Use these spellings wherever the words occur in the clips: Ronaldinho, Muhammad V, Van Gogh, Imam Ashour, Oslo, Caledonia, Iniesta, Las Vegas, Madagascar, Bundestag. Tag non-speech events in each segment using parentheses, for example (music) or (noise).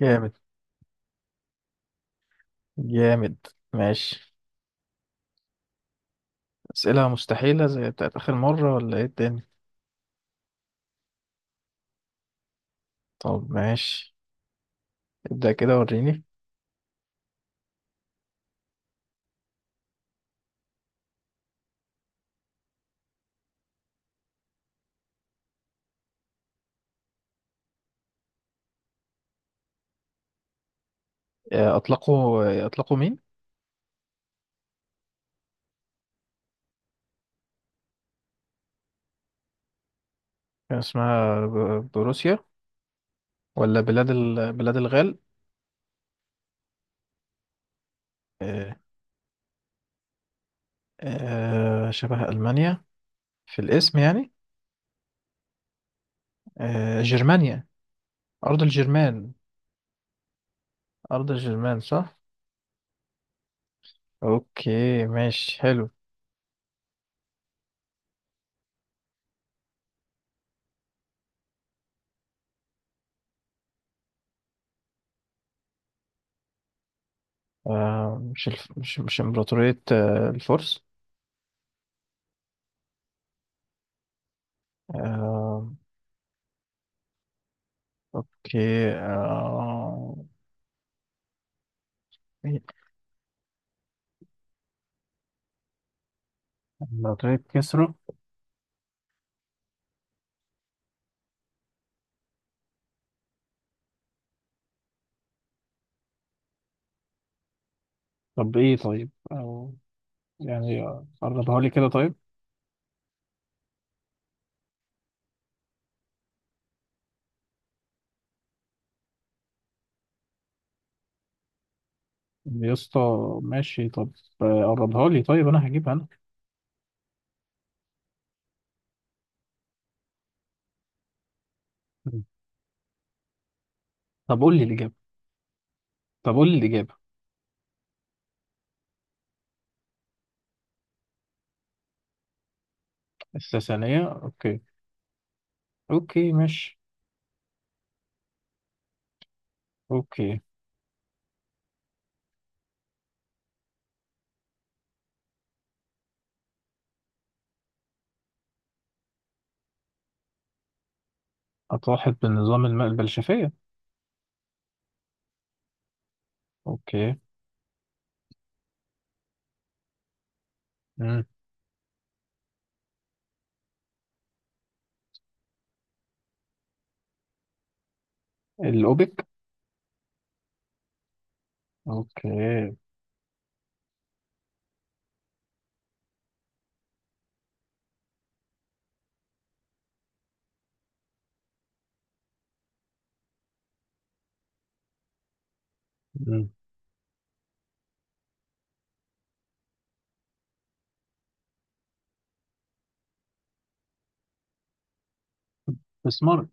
جامد. جامد. ماشي. أسئلة مستحيلة زي بتاعت آخر مرة ولا إيه الدنيا؟ طب ماشي، ابدأ كده وريني. أطلقوا أطلقوا مين؟ كان اسمها بروسيا ولا بلاد بلاد الغال؟ آه، شبه ألمانيا في الاسم يعني. جرمانيا. أرض الجرمان. أرض الجرمان صح. أوكي ماشي حلو. مش مش إمبراطورية الفرس. آه، أوكي لو طيب كسره. طب ايه طيب او يعني قربها لي كده طيب. يا اسطى ماشي طب. قربها لي طيب، انا هجيبها انا. طب قول لي الاجابه، طب قول لي الاجابه. الساسانيه اوكي. اوكي ماشي. اوكي. اطاحت بالنظام الماء البلشفيه. اوكي. مم. الاوبك. اوكي. مم. بسمارك.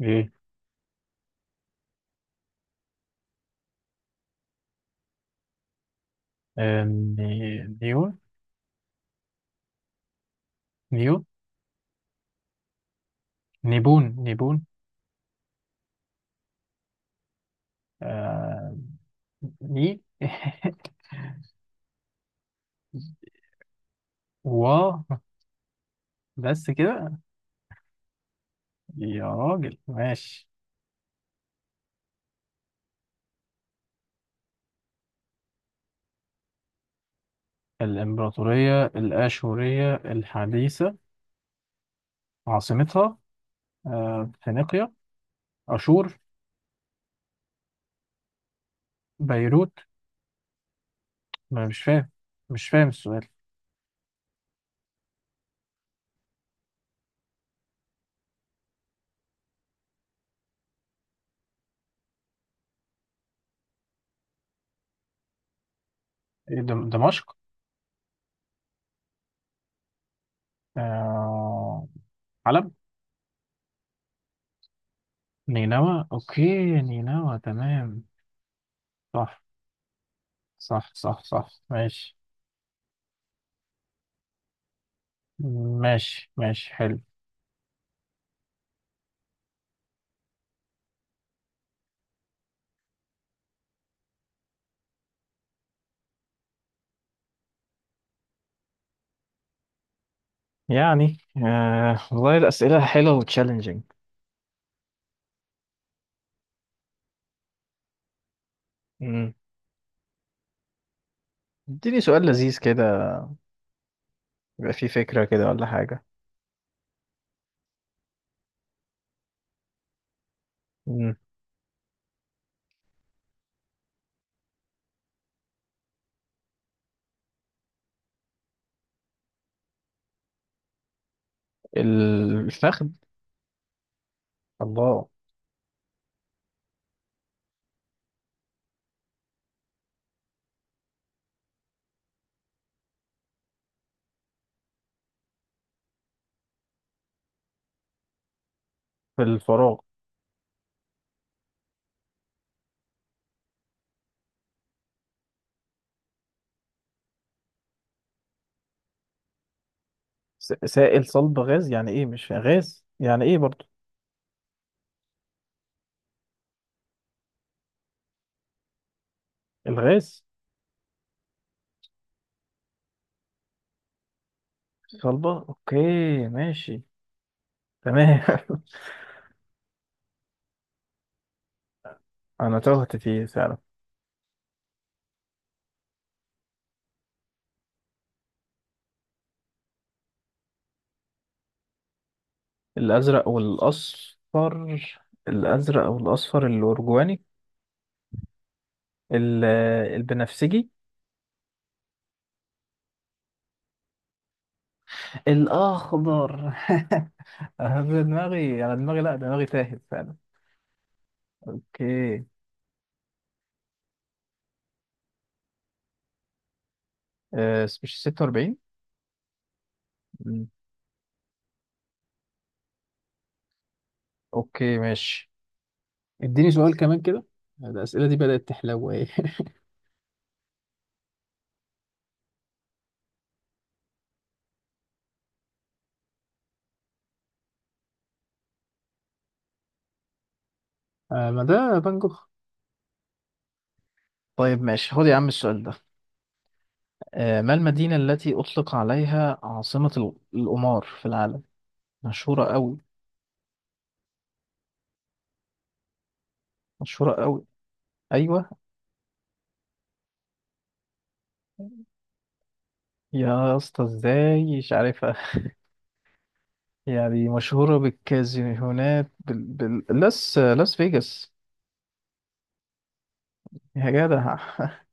ايه؟ نيو. نيو. نيبون نيبون. آه... ني (laughs) و. بس كده. يا راجل ماشي. الإمبراطورية الآشورية الحديثة عاصمتها فينيقيا. أشور. بيروت. ما أنا مش فاهم، مش فاهم السؤال. إيه؟ دمشق. آه، حلب. نينوى أوكي. نينوى تمام. صح، صح صح صح ماشي. ماشي ماشي حلو. يعني آه والله الأسئلة حلوة وتشالنجينج. اديني سؤال لذيذ كده، يبقى فيه فكرة كده ولا حاجة. الفخذ. الله. في الفراغ. سائل صلب غاز يعني ايه؟ مش غاز يعني ايه برضو؟ الغاز. صلبة اوكي. ماشي. تمام. (laughs) انا تهت فيه فعلا. الازرق والاصفر. الازرق والاصفر الارجواني. ال- البنفسجي. الاخضر. (laughs) أنا دماغي، انا دماغي، لا دماغي تاهت فعلا. اوكي. مش 46؟ مم. اوكي ماشي. اديني سؤال كمان كده. الأسئلة دي بدأت تحلو ايه. (laughs) ما ده فان جوخ. طيب ماشي، خد يا عم السؤال ده. ما المدينة التي أطلق عليها عاصمة القمار في العالم؟ مشهورة قوي. مشهورة قوي. أيوة. يا اسطى ازاي مش عارفها؟ (laughs) يعني مشهورة بالكازينوهات لاس لاس فيجاس. يا جدع. (laughs)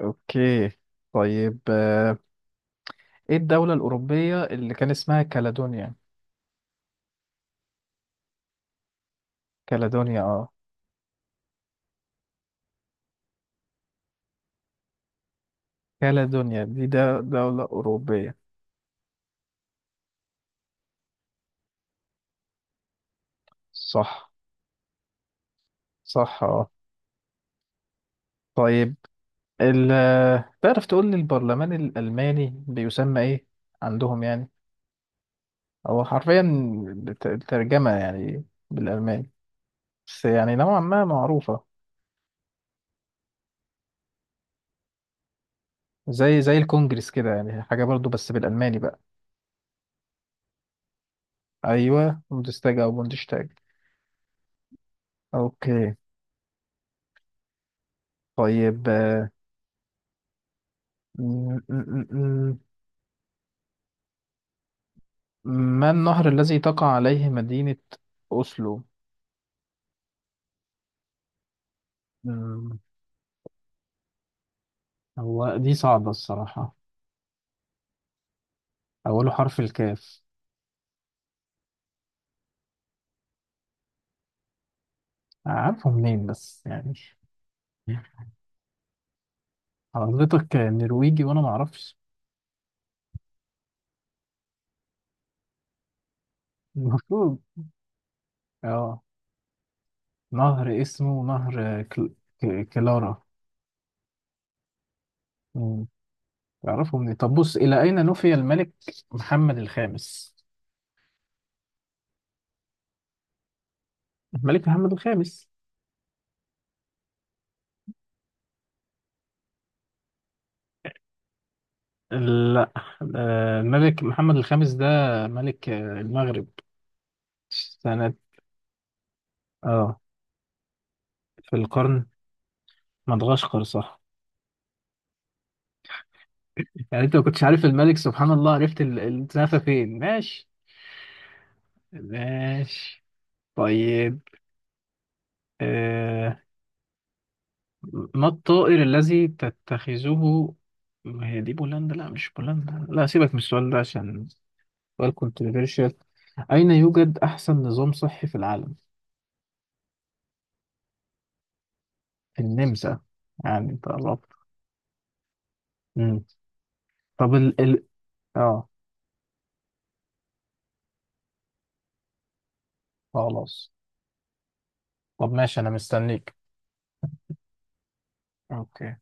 اوكي. طيب ايه الدولة الأوروبية اللي كان اسمها كالادونيا؟ كالادونيا اه. كالادونيا دي ده دولة أوروبية. صح. صح اه. طيب، ال، تعرف تقول لي البرلمان الألماني بيسمى إيه عندهم يعني؟ هو حرفيا الترجمة يعني بالألماني، بس يعني نوعا ما معروفة. زي زي الكونجرس كده يعني حاجة برضو بس بالألماني بقى. أيوة بوندستاج أو بوندشتاج. أوكي. طيب م- م- م- ما النهر الذي تقع عليه مدينة أوسلو؟ هو دي صعبة الصراحة. أوله حرف الكاف. عارفه منين بس يعني؟ حضرتك نرويجي وأنا معرفش. المفروض. اه نهر اسمه نهر كلارا. مم. تعرفه منين؟ طب بص، إلى أين نفي الملك محمد الخامس؟ الملك محمد الخامس. لا. الملك محمد الخامس ده ملك المغرب، سنة، اه، في القرن. مدغشقر صح. يعني انت ما كنتش عارف الملك سبحان الله، عرفت الزنفة فين. ماشي، ماشي. طيب آه، ما الطائر الذي تتخذه، ما هي دي بولندا، لا مش بولندا، لا سيبك من السؤال ده عشان سؤال كونتروفيرشال. أين يوجد أحسن نظام صحي في العالم؟ النمسا. يعني انت قربت. مم. طب ال ال، اه، خلاص. طب ماشي أنا مستنيك. اوكي.